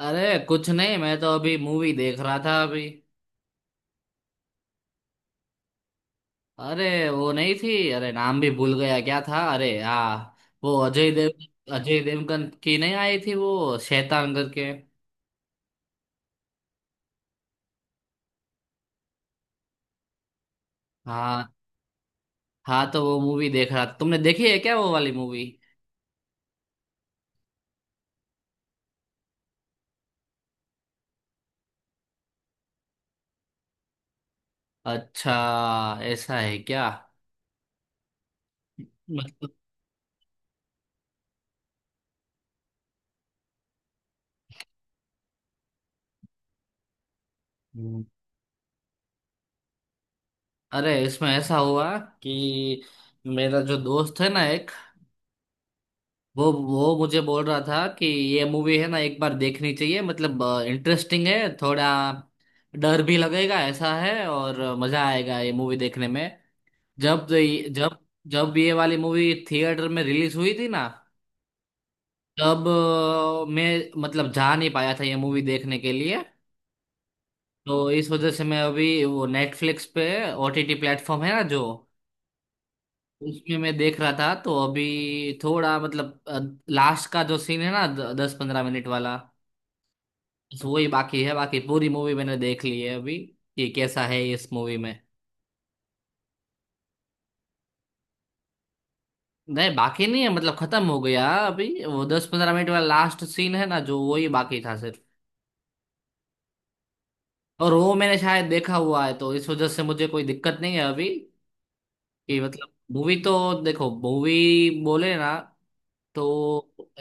अरे कुछ नहीं। मैं तो अभी मूवी देख रहा था अभी। अरे वो नहीं थी। अरे नाम भी भूल गया क्या था। अरे हाँ, वो अजय देवगन की नहीं आई थी वो, शैतान करके। हाँ। हाँ तो वो मूवी देख रहा था। तुमने देखी है क्या वो वाली मूवी? अच्छा। ऐसा है क्या? मतलब हम्म, अरे इसमें ऐसा हुआ कि मेरा जो दोस्त है ना एक, वो मुझे बोल रहा था कि ये मूवी है ना एक बार देखनी चाहिए, मतलब इंटरेस्टिंग है थोड़ा, डर भी लगेगा ऐसा है। और मजा आएगा ये मूवी देखने में। जब जब ये वाली मूवी थिएटर में रिलीज हुई थी ना, तब मैं मतलब जा नहीं पाया था ये मूवी देखने के लिए। तो इस वजह से मैं अभी वो नेटफ्लिक्स पे, ओटीटी प्लेटफॉर्म है ना जो, उसमें मैं देख रहा था। तो अभी थोड़ा मतलब लास्ट का जो सीन है ना, 10-15 मिनट वाला, तो वही बाकी है। बाकी पूरी मूवी मैंने देख ली है अभी कि कैसा है इस मूवी में। नहीं बाकी नहीं है। मतलब खत्म हो गया अभी। वो 10-15 मिनट वाला लास्ट सीन है ना जो, वही बाकी था सिर्फ। और वो मैंने शायद देखा हुआ है, तो इस वजह से मुझे कोई दिक्कत नहीं है अभी कि मतलब मूवी तो देखो, मूवी बोले ना तो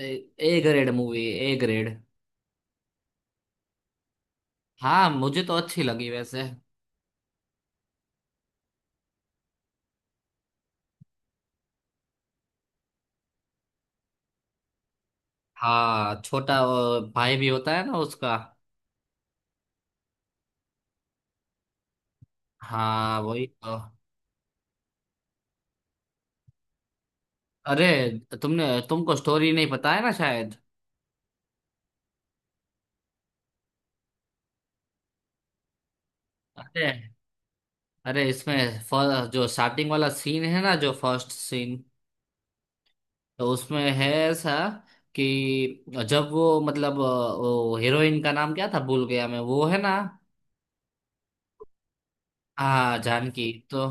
A grade movie. A grade. हाँ, मुझे तो अच्छी लगी वैसे। हाँ छोटा भाई भी होता है ना उसका। हाँ वही तो। अरे तुमने तुमको स्टोरी नहीं पता है ना शायद। अरे, अरे इसमें जो स्टार्टिंग वाला सीन है ना जो फर्स्ट सीन, तो उसमें है ऐसा कि जब वो मतलब वो हीरोइन का नाम क्या था भूल गया मैं, वो है ना? हाँ जानकी तो।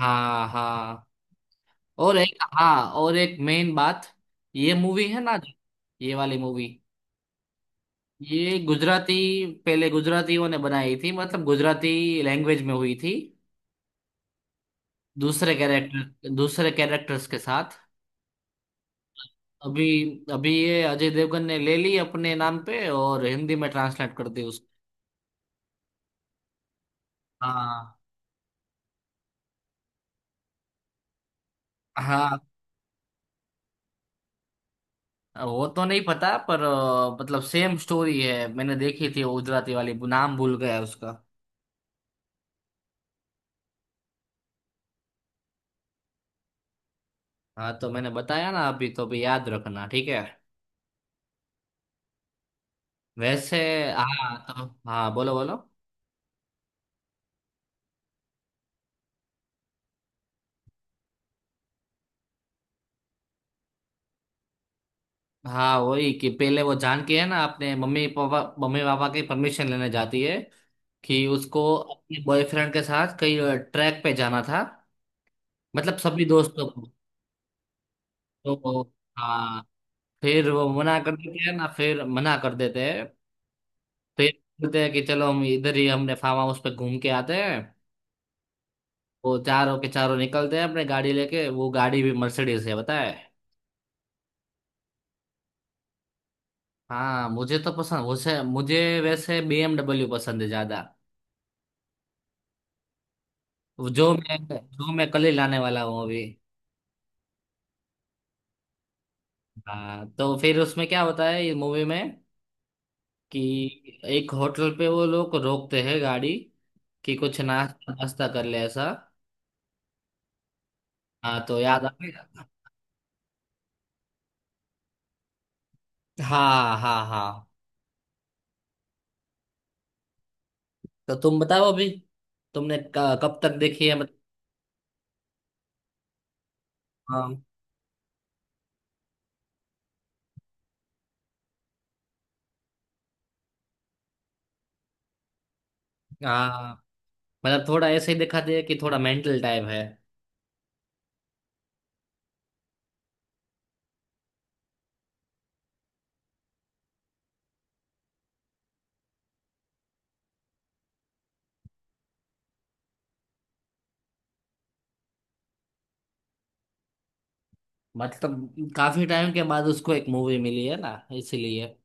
हाँ हाँ। और एक, हाँ और एक मेन बात, ये मूवी है ना, ये वाली मूवी, ये गुजराती पहले गुजरातियों ने बनाई थी, मतलब गुजराती लैंग्वेज में हुई थी, दूसरे कैरेक्टर दूसरे कैरेक्टर्स के साथ। अभी, अभी ये अजय देवगन ने ले ली अपने नाम पे और हिंदी में ट्रांसलेट कर दी उसको। हाँ। हाँ वो तो नहीं पता, पर मतलब सेम स्टोरी है, मैंने देखी थी वो गुजराती वाली, नाम भूल गया उसका। हाँ तो मैंने बताया ना अभी, तो अभी याद रखना। ठीक है? वैसे। हाँ तो, हाँ बोलो बोलो। हाँ वही कि पहले वो जान के है ना अपने मम्मी पापा, मम्मी पापा की परमिशन लेने जाती है कि उसको अपने बॉयफ्रेंड के साथ कहीं ट्रैक पे जाना था, मतलब सभी दोस्तों को। तो हाँ, फिर वो मना कर देते हैं ना, फिर मना कर देते हैं। फिर बोलते हैं कि चलो हम इधर ही, हमने फार्म हाउस पे घूम के आते हैं। वो चारों के चारों निकलते हैं अपने गाड़ी लेके। वो गाड़ी भी मर्सिडीज है बताए। हाँ मुझे तो पसंद। मुझे मुझे वैसे बीएमडब्ल्यू पसंद है ज्यादा, जो मैं जो मैं कल ही लाने वाला हूँ अभी। हाँ तो फिर उसमें क्या होता है ये मूवी में कि एक होटल पे वो लोग रोकते हैं गाड़ी कि कुछ नाश्ता नाश्ता कर ले ऐसा। हाँ तो याद आ गया। हाँ हाँ हाँ। तो तुम बताओ अभी, तुमने कब तक देखी है मतलब? हाँ हाँ, मतलब थोड़ा ऐसे ही दिखा दे कि थोड़ा मेंटल टाइप है। मतलब काफी टाइम के बाद उसको एक मूवी मिली है ना, इसीलिए।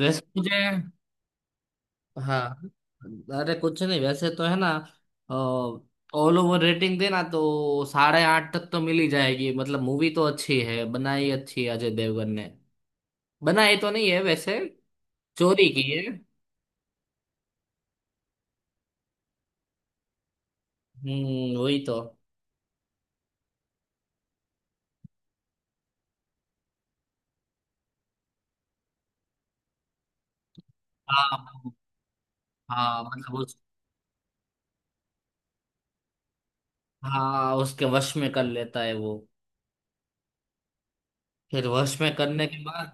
वैसे मुझे। हाँ, अरे कुछ नहीं वैसे तो है ना, ऑल ओवर रेटिंग देना तो 8.5 तक तो मिल ही जाएगी। मतलब मूवी तो अच्छी है, बनाई अच्छी है अजय देवगन ने। बनाई तो नहीं है वैसे, चोरी की है। वही तो। हाँ हाँ, मतलब उस। हाँ उसके वश में कर लेता है वो। फिर वश में करने के बाद,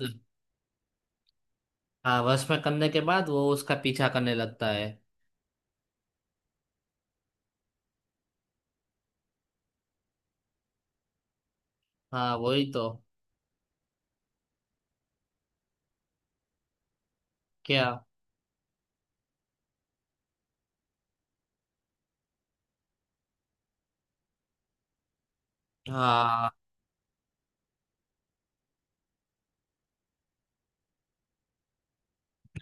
हाँ वश में करने के बाद वो उसका पीछा करने लगता है। हाँ वही तो। क्या? हाँ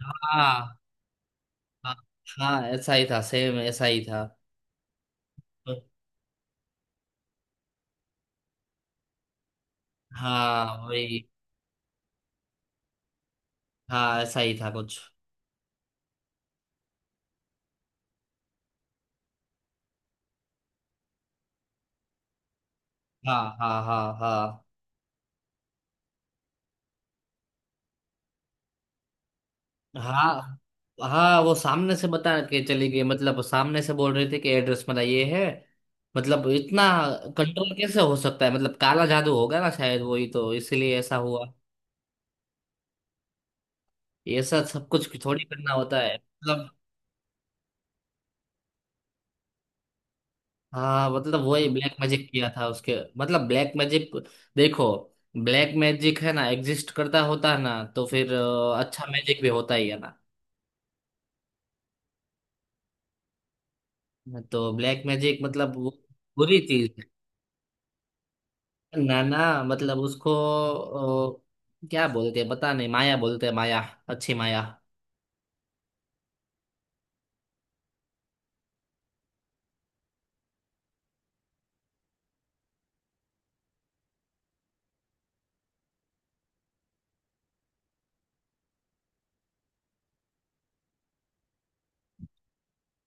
हाँ हाँ हाँ, ऐसा ही था, सेम ऐसा ही था। हाँ वही। हाँ ऐसा ही था कुछ। हाँ हाँ हाँ हाँ हाँ। हाँ वो सामने से बता के चली गई, मतलब सामने से बोल रहे थे कि एड्रेस मेरा ये है। मतलब इतना कंट्रोल कैसे हो सकता है? मतलब काला जादू होगा ना शायद, वही तो, इसीलिए ऐसा हुआ। ये सब सब कुछ थोड़ी करना होता है मतलब। हाँ मतलब वही ब्लैक मैजिक किया था उसके, मतलब ब्लैक मैजिक। देखो ब्लैक मैजिक है ना, एग्जिस्ट करता होता है ना, तो फिर अच्छा मैजिक भी होता ही है ना। तो ब्लैक मैजिक मतलब वो बुरी चीज है ना ना, मतलब उसको क्या बोलते हैं पता नहीं, माया बोलते हैं, माया। अच्छी माया।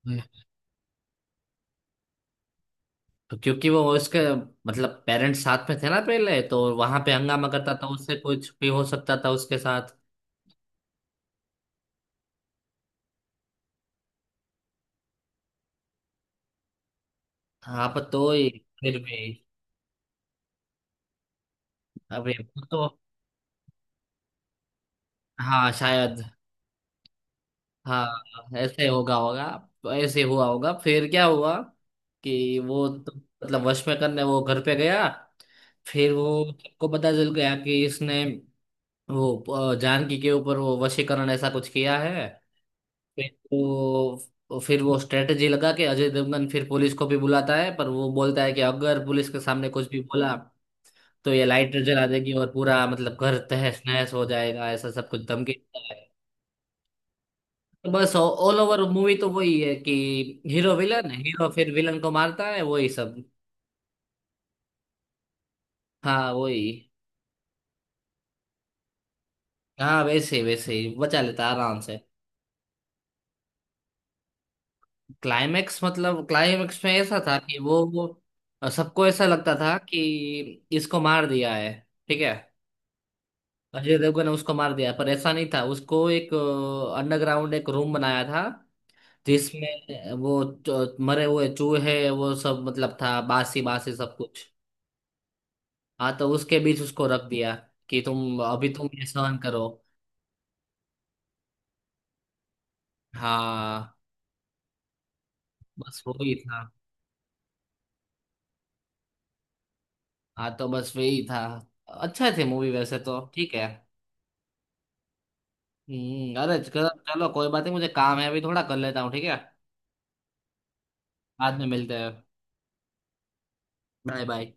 हम्म। तो क्योंकि वो उसके मतलब पेरेंट्स साथ में थे ना, पहले तो वहां पे हंगामा करता था, उससे कुछ भी हो सकता था उसके साथ। हाँ पर तो ही। फिर भी अबे वो तो। हाँ शायद। हाँ ऐसे होगा होगा। तो ऐसे हुआ होगा। फिर क्या हुआ कि वो तो, मतलब वश में करने वो घर पे गया। फिर वो सबको पता चल गया कि इसने वो जानकी के ऊपर वो वशीकरण ऐसा कुछ किया है। फिर वो स्ट्रेटजी लगा के अजय देवगन फिर पुलिस को भी बुलाता है। पर वो बोलता है कि अगर पुलिस के सामने कुछ भी बोला तो ये लाइटर जला देगी और पूरा मतलब घर तहस नहस हो जाएगा, ऐसा सब कुछ धमकी देता है। तो बस ऑल ओवर मूवी तो वही है कि हीरो विलन, हीरो फिर विलन को मारता है, वही सब। हाँ वही। हाँ वैसे ही, वैसे ही बचा लेता है आराम से। क्लाइमेक्स मतलब क्लाइमेक्स में ऐसा था कि वो सबको ऐसा लगता था कि इसको मार दिया है। ठीक है, अजय देवगन ने उसको मार दिया, पर ऐसा नहीं था। उसको एक अंडरग्राउंड एक रूम बनाया था जिसमें वो जो मरे हुए चूहे वो सब मतलब था, बासी बासी सब कुछ। हाँ तो उसके बीच उसको रख दिया कि तुम अभी तुम ये सहन करो। हाँ बस वही था। हाँ तो बस वही था। अच्छा थे मूवी वैसे तो ठीक है। अरे चलो चलो, कोई बात नहीं, मुझे काम है अभी थोड़ा कर लेता हूँ। ठीक है? बाद में मिलते हैं। Bye bye.